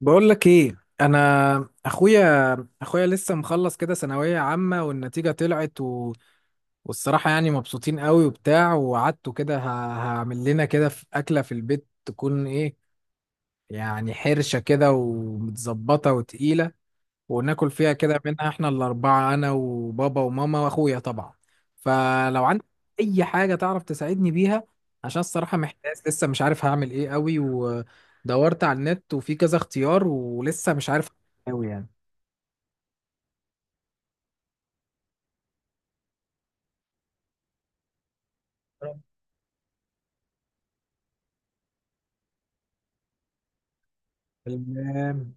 بقول لك ايه؟ انا اخويا، اخويا لسه مخلص كده ثانويه عامه والنتيجه طلعت والصراحه يعني مبسوطين قوي وبتاع، وقعدته كده هعمل لنا كده في اكله في البيت تكون ايه؟ يعني حرشه كده ومتظبطه وتقيله، وناكل فيها كده منها احنا الأربعة، أنا وبابا وماما وأخويا طبعا. فلو عندك أي حاجة تعرف تساعدني بيها، عشان الصراحة محتاج، لسه مش عارف هعمل إيه قوي، ودورت على النت وفي كذا اختيار ولسه مش عارف قوي يعني. الحمام؟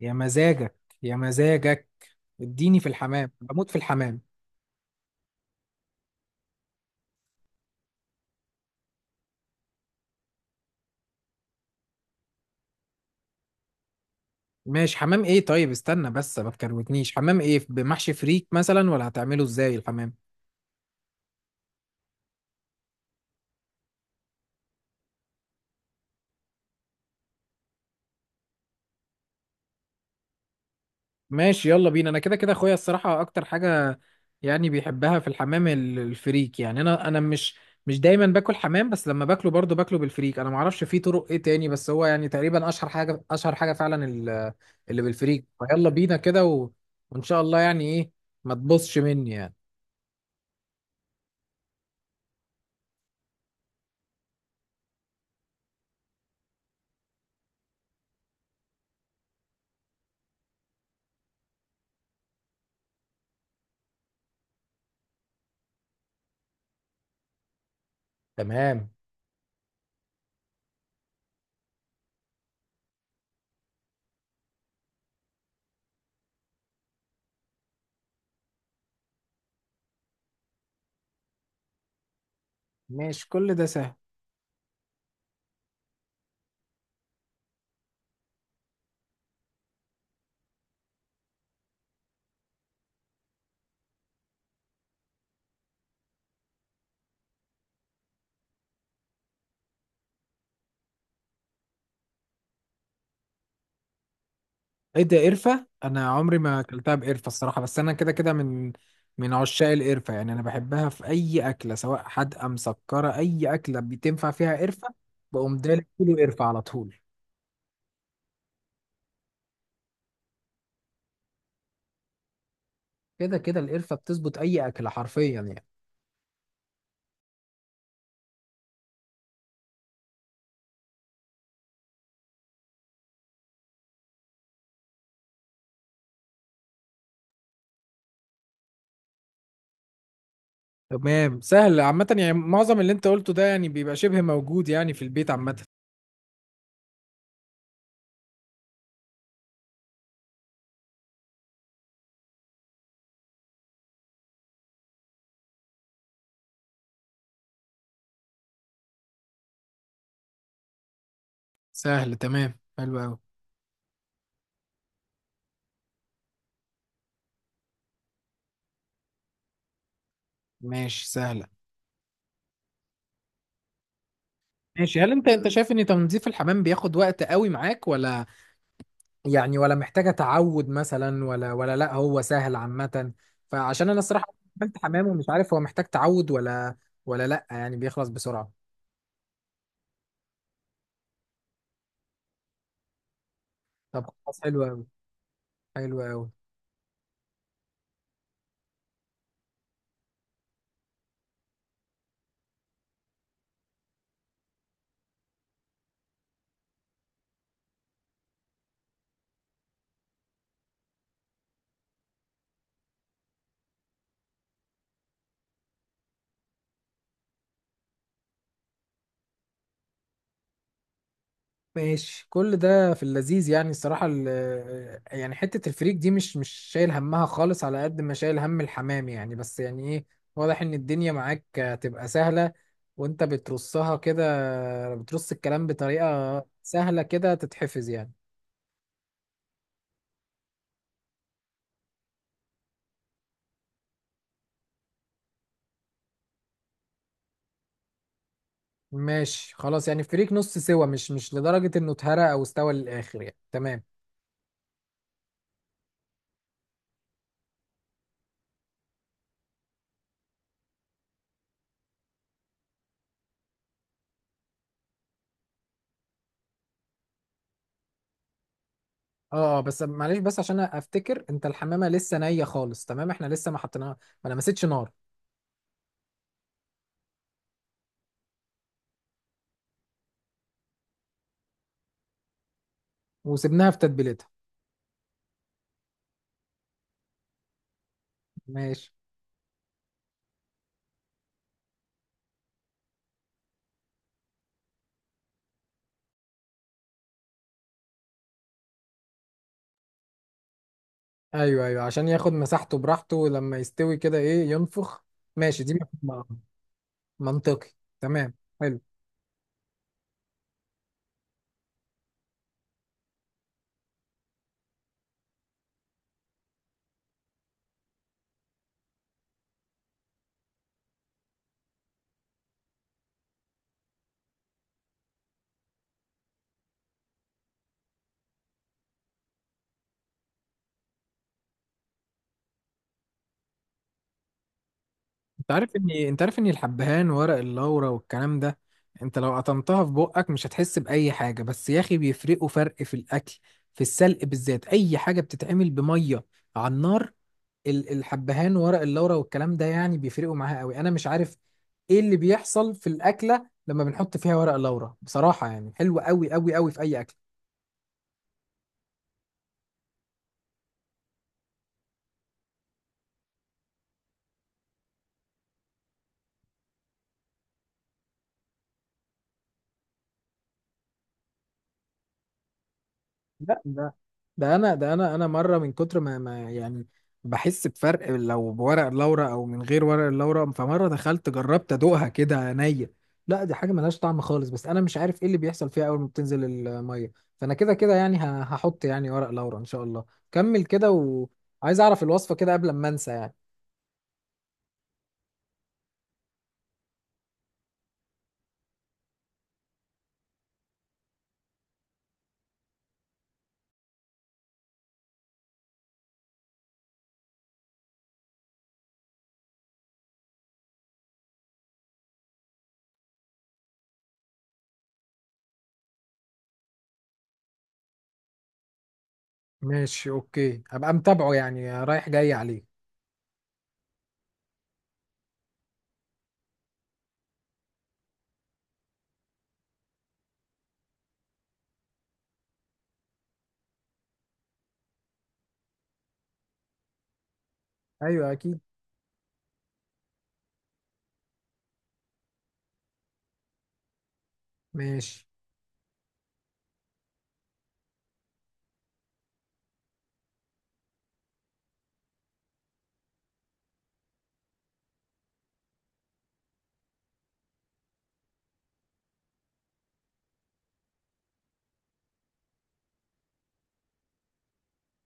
يا مزاجك، يا مزاجك، اديني في الحمام، بموت في الحمام. ماشي، حمام ايه؟ طيب استنى بس، ما تكروتنيش، حمام ايه؟ بمحشي فريك مثلا ولا هتعمله ازاي الحمام؟ ماشي يلا بينا، انا كده كده اخويا الصراحه اكتر حاجه يعني بيحبها في الحمام ال- الفريك. يعني انا مش مش دايما باكل حمام، بس لما باكله برضه باكله بالفريك. انا ما اعرفش في طرق ايه تاني، بس هو يعني تقريبا اشهر حاجه، اشهر حاجه فعلا ال- اللي بالفريك. فيلا بينا كده وان شاء الله يعني ايه، ما تبصش مني يعني. تمام. ماشي، كل ده سهل. ايه ده؟ قرفة؟ انا عمري ما اكلتها بقرفة الصراحة، بس انا كده كده من عشاق القرفة، يعني انا بحبها في اي اكلة، سواء حادقة مسكرة، اي اكلة بتنفع فيها قرفة بقوم دالك كيلو قرفة على طول. كده كده القرفة بتظبط اي اكلة حرفيا يعني. تمام، سهل عامة، يعني معظم اللي انت قلته ده يعني بيبقى شبه موجود يعني في البيت عامة. سهل، تمام، حلو قوي. ماشي، سهلة. ماشي، هل انت شايف ان تنظيف الحمام بياخد وقت قوي معاك، ولا يعني، ولا محتاجة تعود مثلا، ولا ولا لا، هو سهل عامة؟ فعشان انا الصراحة عملت حمام ومش عارف، هو محتاج تعود ولا ولا لا، يعني بيخلص بسرعة؟ طب خلاص، حلو قوي، حلو قوي. ماشي، كل ده في اللذيذ يعني الصراحة، ال- يعني حتة الفريك دي مش شايل همها خالص على قد ما شايل هم الحمام يعني. بس يعني ايه، واضح ان الدنيا معاك هتبقى سهلة، وانت بترصها كده، بترص الكلام بطريقة سهلة كده تتحفظ يعني. ماشي خلاص، يعني فريق نص سوا، مش لدرجة انه اتهرى او استوى للاخر يعني، تمام. اه اه، بس معلش، بس عشان افتكر، انت الحمامة لسه نية خالص؟ تمام، احنا لسه ما حطيناها، ما لمستش نار؟ وسبناها في تتبيلتها؟ ماشي. ايوه ايوه، عشان ياخد مساحته براحته لما يستوي كده، ايه، ينفخ. ماشي دي م- منطقي، تمام، حلو. انت عارف ان، انت عارف ان الحبهان وورق اللورا والكلام ده، انت لو قطمتها في بقك مش هتحس بأي حاجة، بس يا اخي بيفرقوا فرق في الأكل، في السلق بالذات، أي حاجة بتتعمل بمية على النار، ال- الحبهان ورق اللورا والكلام ده يعني بيفرقوا معاها قوي. أنا مش عارف ايه اللي بيحصل في الأكلة لما بنحط فيها ورق اللورا بصراحة، يعني حلوة قوي قوي قوي في أي أكل. لا ده، ده انا مره من كتر ما يعني بحس بفرق لو بورق اللورا او من غير ورق اللورا، فمره دخلت جربت ادوقها كده عينيا، لا دي حاجه ملهاش طعم خالص. بس انا مش عارف ايه اللي بيحصل فيها اول ما بتنزل الميه. فانا كده كده يعني هحط يعني ورق لورا ان شاء الله. كمل كده، وعايز اعرف الوصفه كده قبل ما انسى يعني. ماشي اوكي، ابقى متابعه يعني، رايح جاي عليه. ايوه اكيد. ماشي.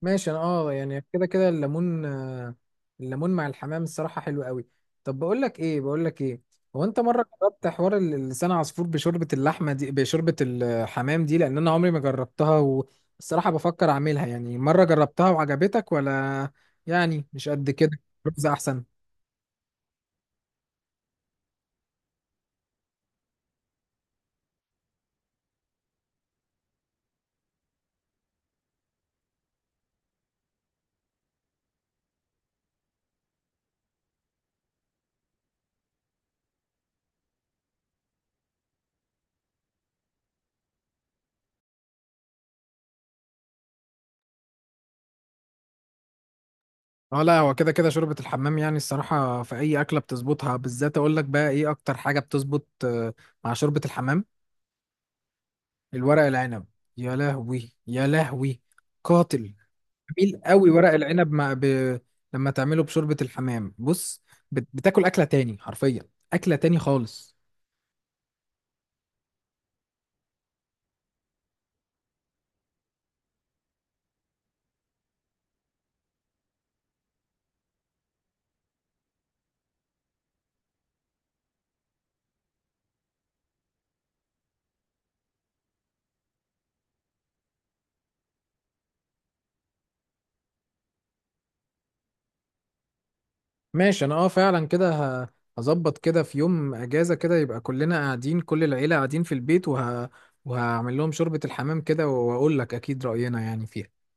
ماشي، انا اه يعني كده كده الليمون، الليمون مع الحمام الصراحة حلو قوي. طب بقول لك ايه، بقول لك ايه، هو انت مرة جربت حوار ال- لسان عصفور بشوربة اللحمة دي، بشوربة الحمام دي؟ لان انا عمري ما جربتها، والصراحة بفكر اعملها. يعني مرة جربتها وعجبتك ولا يعني مش قد كده؟ رز احسن؟ اه لا، هو كده كده شوربة الحمام يعني الصراحة في اي اكلة بتظبطها. بالذات اقول لك بقى ايه اكتر حاجة بتظبط مع شوربة الحمام؟ الورق العنب. يا لهوي، يا لهوي، قاتل. جميل قوي ورق العنب مع لما تعمله بشوربة الحمام، بص، بتاكل أكلة تاني حرفيا، أكلة تاني خالص. ماشي أنا أه فعلا كده، ه... هظبط كده في يوم أجازة كده، يبقى كلنا قاعدين، كل العيلة قاعدين في البيت، وهعمل لهم شوربة الحمام كده وأقول لك أكيد رأينا يعني فيها.